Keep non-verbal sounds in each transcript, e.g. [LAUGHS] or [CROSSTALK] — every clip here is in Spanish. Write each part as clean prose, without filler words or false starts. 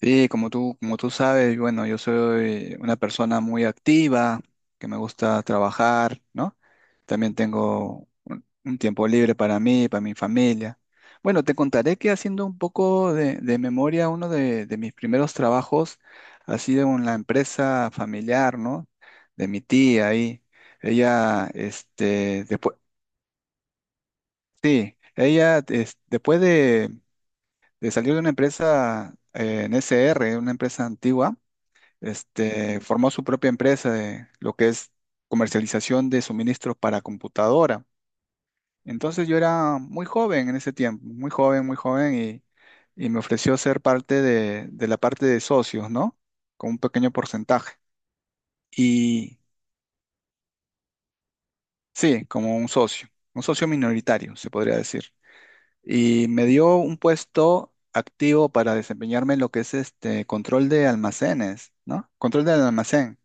Sí, como tú sabes, bueno, yo soy una persona muy activa, que me gusta trabajar, ¿no? También tengo un tiempo libre para mí, para mi familia. Bueno, te contaré que haciendo un poco de memoria, uno de mis primeros trabajos ha sido en la empresa familiar, ¿no? De mi tía ahí. Ella, después, sí, ella, después de salir de una empresa en SR, una empresa antigua, formó su propia empresa de lo que es comercialización de suministros para computadora. Entonces yo era muy joven en ese tiempo, muy joven, y me ofreció ser parte de la parte de socios, ¿no? Con un pequeño porcentaje. Y sí, como un socio minoritario, se podría decir. Y me dio un puesto activo para desempeñarme en lo que es este control de almacenes, ¿no? Control del almacén.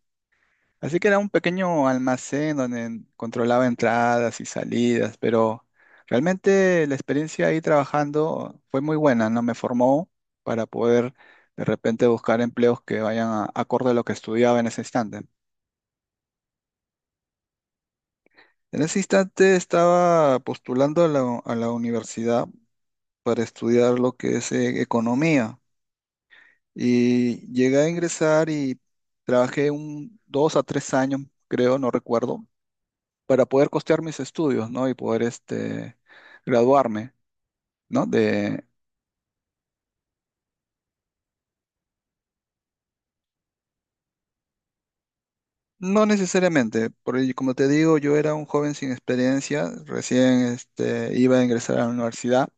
Así que era un pequeño almacén donde controlaba entradas y salidas, pero realmente la experiencia ahí trabajando fue muy buena, ¿no? Me formó para poder de repente buscar empleos que vayan acorde a lo que estudiaba en ese instante. En ese instante estaba postulando a la universidad para estudiar lo que es economía y llegué a ingresar y trabajé un 2 a 3 años, creo, no recuerdo para poder costear mis estudios, ¿no? Y poder graduarme, ¿no? De, no necesariamente, porque como te digo, yo era un joven sin experiencia, recién iba a ingresar a la universidad.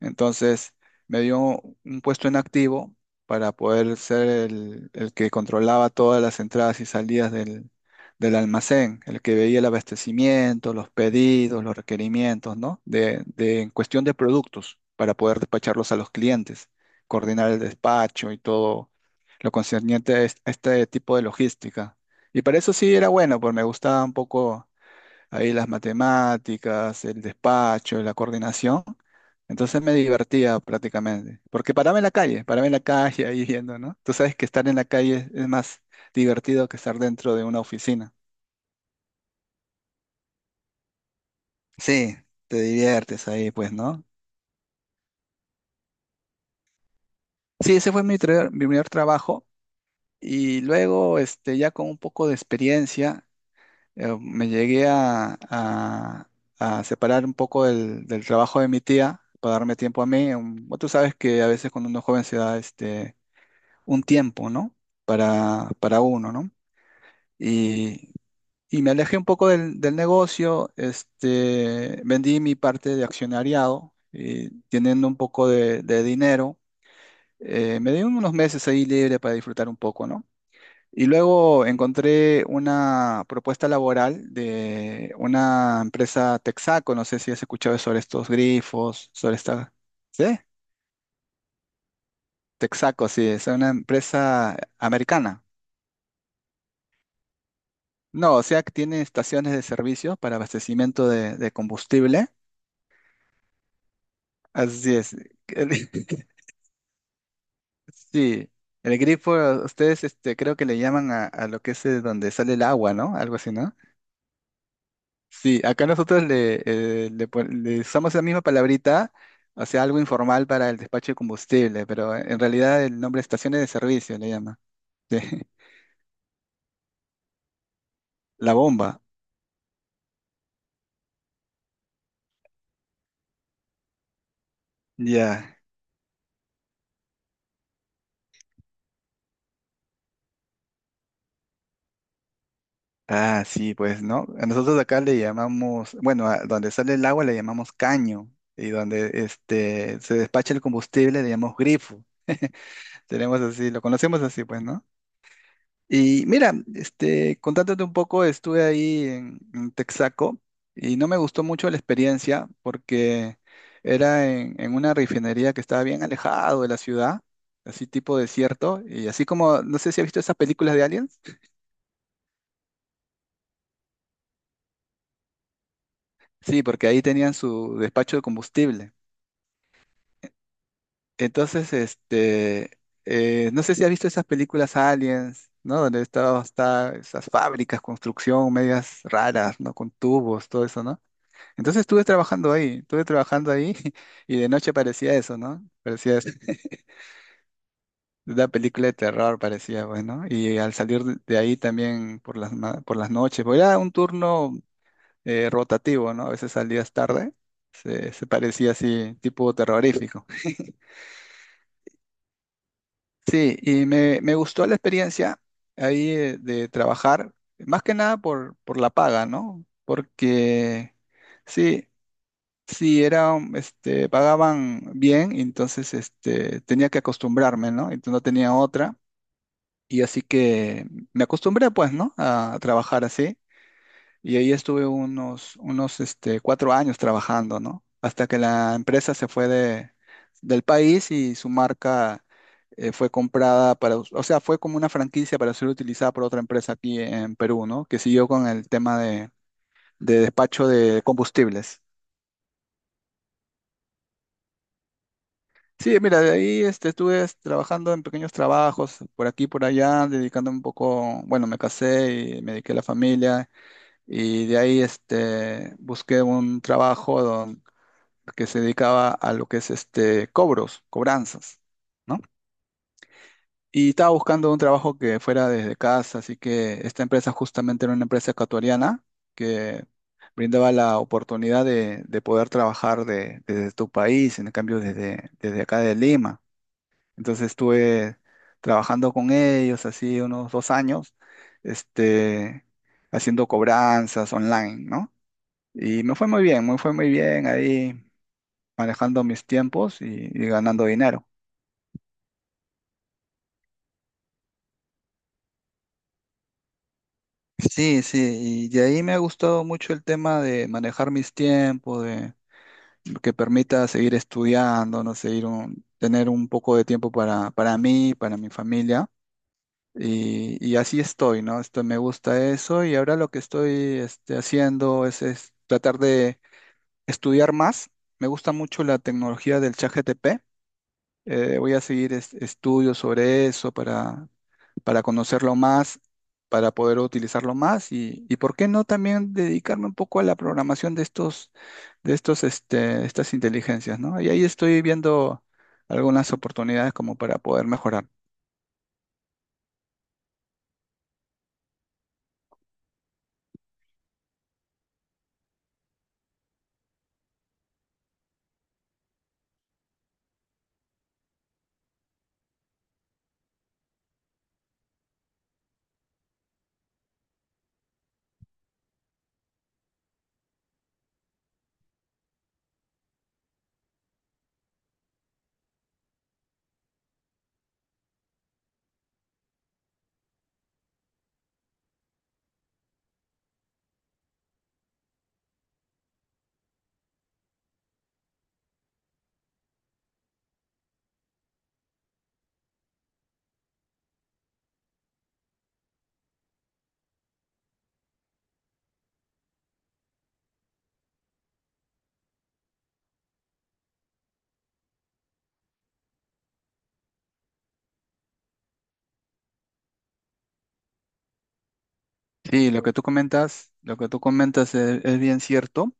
Entonces me dio un puesto en activo para poder ser el que controlaba todas las entradas y salidas del, del almacén, el que veía el abastecimiento, los pedidos, los requerimientos, ¿no? De, en cuestión de productos para poder despacharlos a los clientes, coordinar el despacho y todo lo concerniente a este tipo de logística. Y para eso sí era bueno, pues me gustaba un poco ahí las matemáticas, el despacho, la coordinación. Entonces me divertía prácticamente, porque paraba en la calle, paraba en la calle ahí viendo, ¿no? Tú sabes que estar en la calle es más divertido que estar dentro de una oficina. Sí, te diviertes ahí, pues, ¿no? Sí, ese fue mi, mi primer trabajo y luego, ya con un poco de experiencia, me llegué a separar un poco del, del trabajo de mi tía para darme tiempo a mí. Tú sabes que a veces cuando uno es joven se da un tiempo, ¿no? Para uno, ¿no? Y, y me alejé un poco del, del negocio, vendí mi parte de accionariado y teniendo un poco de dinero, me di unos meses ahí libre para disfrutar un poco, ¿no? Y luego encontré una propuesta laboral de una empresa Texaco, no sé si has escuchado sobre estos grifos, sobre esta… ¿Sí? Texaco, sí, es una empresa americana. No, o sea que tiene estaciones de servicio para abastecimiento de combustible. Así es. El- [LAUGHS] sí, el grifo, ustedes creo que le llaman a lo que es donde sale el agua, ¿no? Algo así, ¿no? Sí, acá nosotros le usamos la misma palabrita, o sea, algo informal para el despacho de combustible, pero en realidad el nombre es estaciones de servicio le llama. Sí, [LAUGHS] La bomba. Ya. Ah, sí, pues, ¿no? A nosotros acá le llamamos, bueno, a donde sale el agua le llamamos caño, y donde se despacha el combustible le llamamos grifo. Tenemos así, lo conocemos así, pues, ¿no? Y mira, contándote un poco, estuve ahí en Texaco y no me gustó mucho la experiencia porque era en una refinería que estaba bien alejado de la ciudad, así tipo desierto, y así como, no sé si has visto esas películas de Aliens, sí, porque ahí tenían su despacho de combustible. Entonces, no sé si has visto esas películas Aliens, ¿no? Donde estaba, está esas fábricas, construcción, medias raras, ¿no? Con tubos, todo eso, ¿no? Entonces estuve trabajando ahí [LAUGHS] y de noche parecía eso, ¿no? Parecía [LAUGHS] una película de terror, parecía, bueno. Y al salir de ahí también por las, por las noches, porque era un turno rotativo, ¿no? A veces salías tarde, se parecía así, tipo terrorífico. Sí, y me gustó la experiencia ahí de trabajar, más que nada por, por la paga, ¿no? Porque… Sí, sí, era, pagaban bien, y entonces tenía que acostumbrarme, ¿no? Entonces no tenía otra. Y así que me acostumbré, pues, ¿no? A trabajar así. Y ahí estuve unos, unos 4 años trabajando, ¿no? Hasta que la empresa se fue de, del país y su marca fue comprada para, o sea, fue como una franquicia para ser utilizada por otra empresa aquí en Perú, ¿no? Que siguió con el tema de despacho de combustibles. Sí, mira, de ahí estuve trabajando en pequeños trabajos por aquí, por allá, dedicándome un poco, bueno, me casé y me dediqué a la familia y de ahí busqué un trabajo que se dedicaba a lo que es cobros, cobranzas, ¿no? Y estaba buscando un trabajo que fuera desde casa, así que esta empresa justamente era una empresa ecuatoriana que brindaba la oportunidad de poder trabajar desde tu país, en cambio desde, desde acá de Lima. Entonces estuve trabajando con ellos así unos 2 años, este, haciendo cobranzas online, ¿no? Y me fue muy bien, me fue muy bien ahí manejando mis tiempos y ganando dinero. Sí, sí, y de ahí me ha gustado mucho el tema de manejar mis tiempos, de que permita seguir estudiando, no seguir un, tener un poco de tiempo para mí, para mi familia. Y así estoy, ¿no? Esto, me gusta eso y ahora lo que estoy haciendo es tratar de estudiar más. Me gusta mucho la tecnología del ChatGPT. Voy a seguir estudios sobre eso para conocerlo más, para poder utilizarlo más y por qué no también dedicarme un poco a la programación de estos, estas inteligencias, ¿no? Y ahí estoy viendo algunas oportunidades como para poder mejorar. Sí, lo que tú comentas, lo que tú comentas es bien cierto.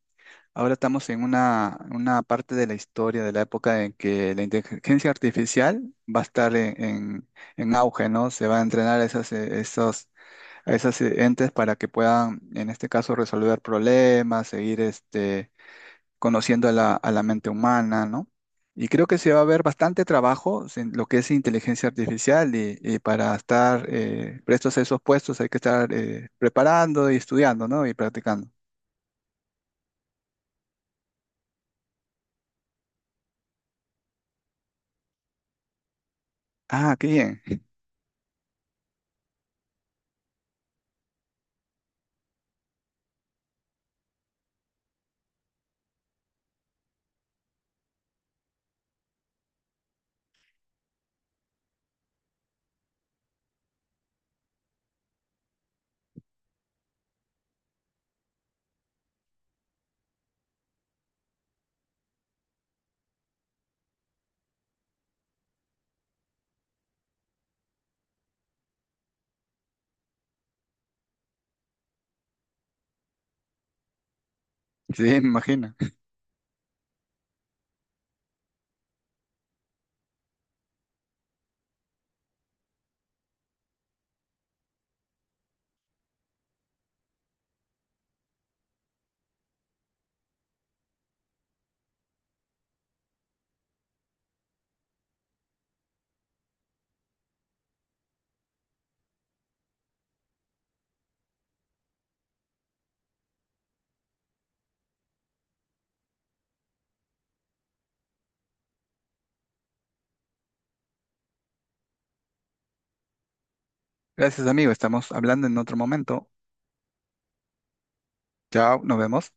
Ahora estamos en una parte de la historia de la época en que la inteligencia artificial va a estar en, en auge, ¿no? Se va a entrenar a esas, a esas entes para que puedan, en este caso, resolver problemas, seguir conociendo a la mente humana, ¿no? Y creo que se va a ver bastante trabajo en lo que es inteligencia artificial y para estar prestos a esos puestos hay que estar preparando y estudiando, ¿no? Y practicando. Ah, qué bien. [LAUGHS] Sí, me imagino. Gracias, amigo. Estamos hablando en otro momento. Chao, nos vemos.